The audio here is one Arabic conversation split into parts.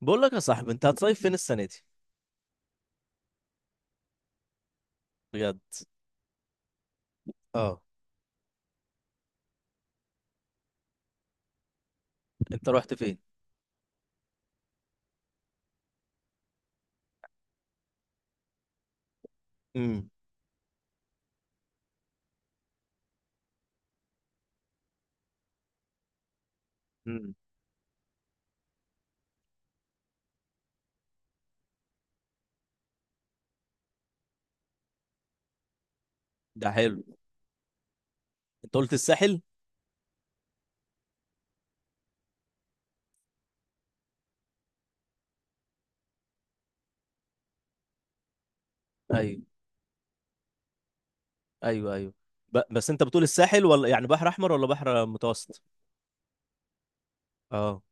بقول لك يا صاحبي، انت هتصيف فين السنه دي؟ بجد. اه، انت رحت فين؟ امم. امم. ده حلو. انت قلت الساحل. ايوه، ايوه، ايوه. بس انت بتقول الساحل ولا يعني بحر احمر ولا بحر متوسط؟ اه.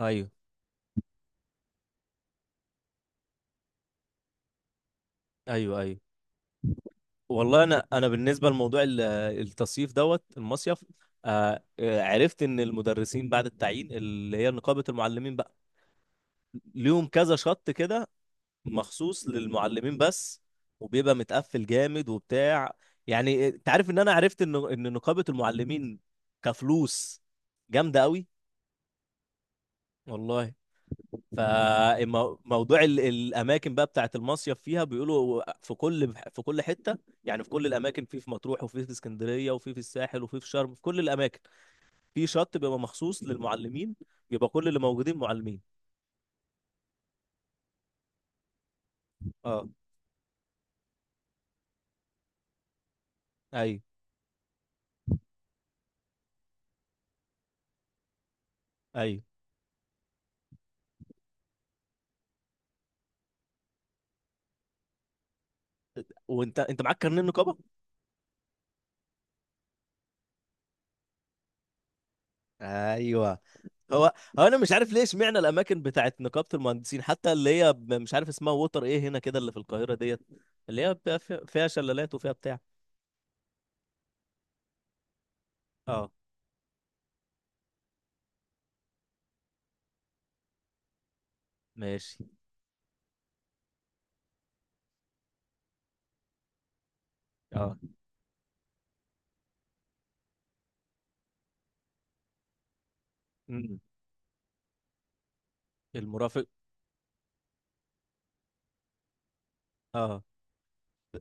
ايوه، ايوه، ايوه. والله، انا بالنسبه لموضوع التصيف دوت المصيف. عرفت ان المدرسين بعد التعيين اللي هي نقابه المعلمين بقى ليهم كذا شط كده مخصوص للمعلمين بس، وبيبقى متقفل جامد وبتاع. يعني انت عارف ان انا عرفت ان نقابة المعلمين كفلوس جامدة قوي. والله. فموضوع الاماكن بقى بتاعت المصيف فيها بيقولوا في كل حتة، يعني في كل الاماكن، في مطروح وفي اسكندرية وفي الساحل وفي شرم، في كل الاماكن في شط بيبقى مخصوص للمعلمين، بيبقى كل اللي موجودين معلمين. اه. ايوه، ايوه. وانت معاك كارنيه النقابة؟ ايوه. هو هو انا مش عارف ليه اشمعنى الاماكن بتاعت نقابه المهندسين، حتى اللي هي مش عارف اسمها، ووتر ايه هنا كده اللي في القاهره ديت، اللي هي بتبقى فيها شلالات وفيها بتاع. اه. ماشي. اه. أمم. المرافق. اه،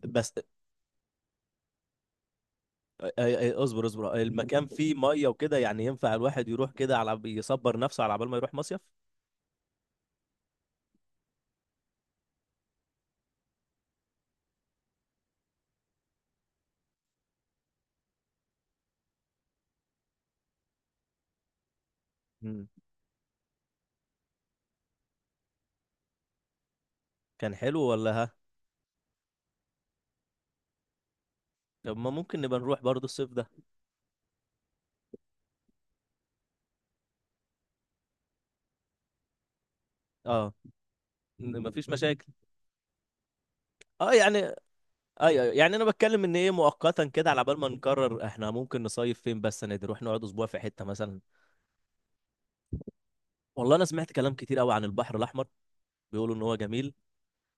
بس اصبر اصبر، المكان فيه ميه وكده، يعني ينفع الواحد يروح كده على يصبر نفسه على بال ما يروح مصيف. أمم. كان حلو ولا ها؟ طب ما ممكن نبقى نروح برضه الصيف ده. اه. مفيش مشاكل. اه، يعني ايوه، ايوه، يعني انا بتكلم ان ايه، مؤقتا كده على بال ما نقرر احنا ممكن نصيف فين، بس انا نروح نقعد اسبوع في حته مثلا. والله انا سمعت كلام كتير قوي عن البحر الاحمر، بيقولوا ان هو جميل.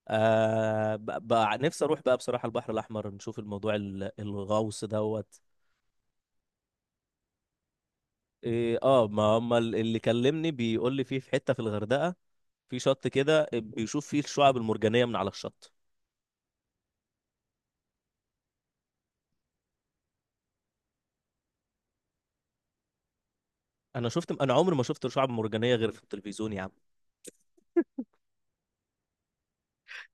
آه ب- ب- نفسي اروح بقى بصراحه البحر الاحمر، نشوف الموضوع الغوص دوت. إيه، اه، ما هم اللي كلمني بيقول لي فيه في حته في الغردقه، في شط كده بيشوف فيه الشعاب المرجانيه من على الشط. انا شفت، انا عمري ما شفت شعاب مرجانيه غير في التلفزيون يا عم.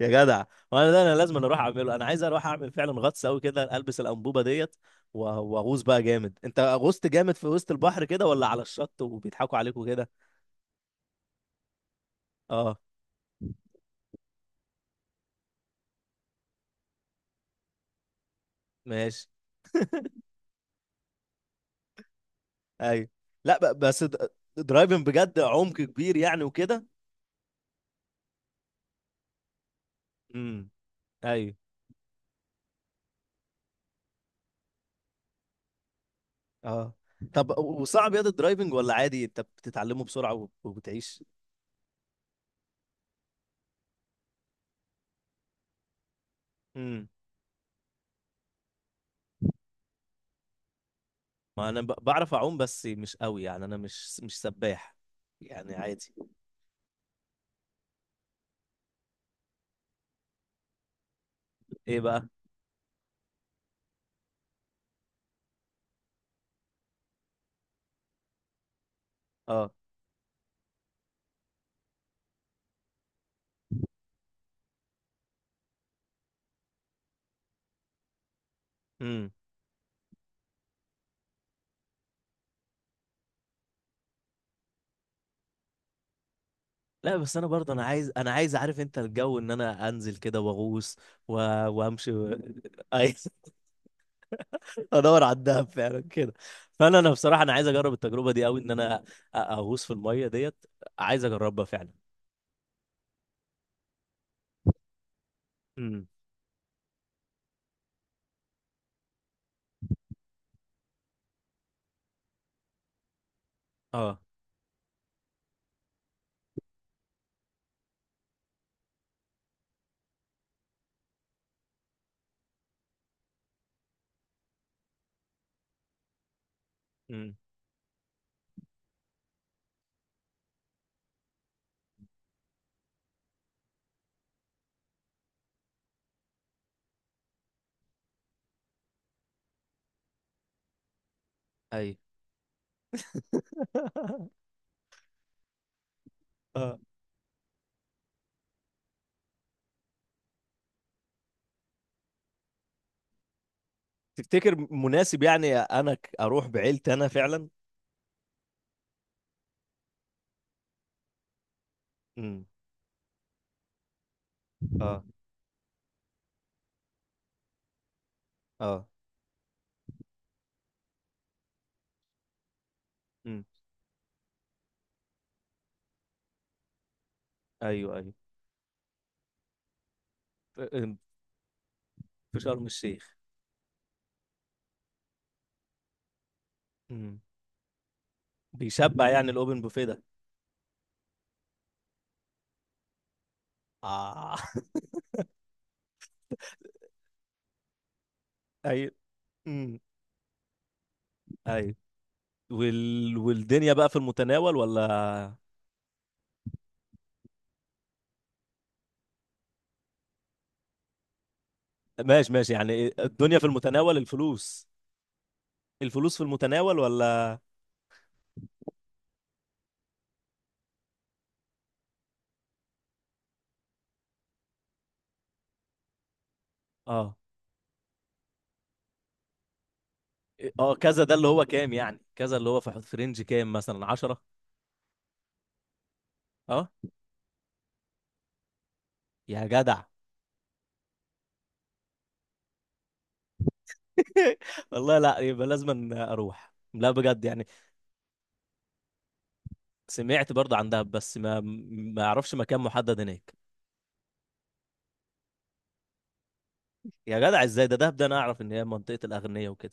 يا جدع. وانا ده انا لازم، اروح اعمله، انا عايز اروح اعمل فعلا غطس قوي كده، البس الانبوبه ديت واغوص بقى جامد. انت غوصت جامد في وسط البحر كده، ولا على الشط وبيضحكوا عليكوا كده؟ اه. ماشي. ايوه. لا بس درايفنج بجد عمق كبير يعني وكده. امم. ايوه. اه. طب وصعب ياض الدرايفنج ولا عادي؟ انت بتتعلمه بسرعه وبتعيش. امم. ما انا بعرف اعوم بس مش قوي، يعني انا مش سباح، يعني عادي. ايه بقى؟ اه. مم. لا، بس انا برضه، انا عايز، عارف انت الجو ان انا انزل كده واغوص و... وامشي عايز ادور على الدهب فعلا كده. فانا بصراحه انا عايز اجرب التجربه دي قوي، ان انا اغوص في الميه ديت، عايز اجربها فعلا. امم. اه. امم. اي. اه. تفتكر مناسب؟ يعني انا اروح بعيلتي انا فعلا. امم. اه. اه. امم. ايوه، ايوه. ف- أم، في شرم الشيخ. امم. بيشبع يعني الاوبن بوفيه ده؟ اه. ايوه، ايوه. والدنيا بقى في المتناول ولا؟ ماشي، ماشي، يعني إيه، الدنيا في المتناول الفلوس؟ الفلوس في المتناول ولا؟ اه، إيه، اه، كذا ده اللي هو كام؟ يعني كذا اللي هو في في رينج كام، مثلا 10. اه. يا جدع. والله، لا، يبقى لازم اروح، لا بجد يعني. سمعت برضه عن دهب بس ما اعرفش مكان محدد هناك. يا جدع، ازاي؟ ده دهب ده انا اعرف ان هي منطقة الاغنياء وكده.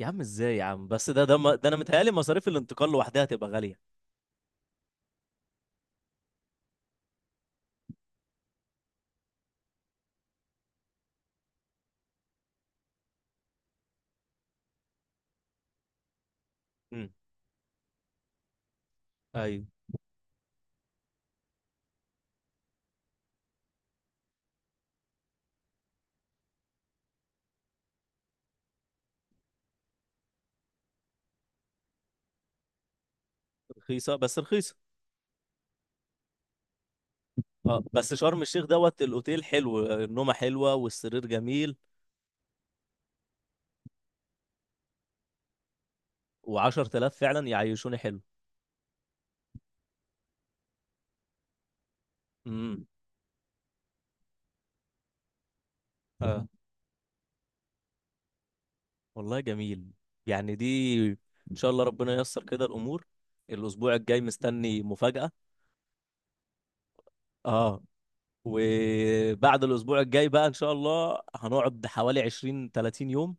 يا عم، ازاي يا عم؟ بس ده انا متهيألي مصاريف الانتقال لوحدها تبقى غالية. امم. رخيصة بس رخيصة. اه، بس شرم الشيخ دوت الأوتيل حلو، النومة حلوة والسرير جميل، وعشرة آلاف فعلا يعيشوني حلو. امم. اه. والله جميل. يعني دي إن شاء الله ربنا ييسر كده الأمور. الأسبوع الجاي مستني مفاجأة. اه. وبعد الأسبوع الجاي بقى إن شاء الله هنقعد حوالي 20 30 يوم،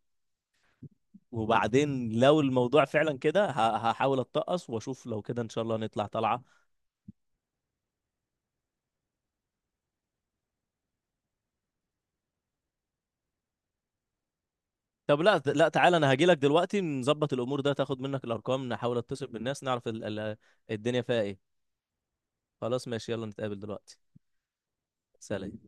وبعدين لو الموضوع فعلا كده هحاول أتقص وأشوف، لو كده إن شاء الله نطلع طلعة. طب لا لا، تعالى انا هاجي لك دلوقتي، نظبط الامور، ده تاخد منك الارقام، نحاول اتصل بالناس، نعرف الدنيا فيها ايه. خلاص ماشي، يلا نتقابل دلوقتي. سلام.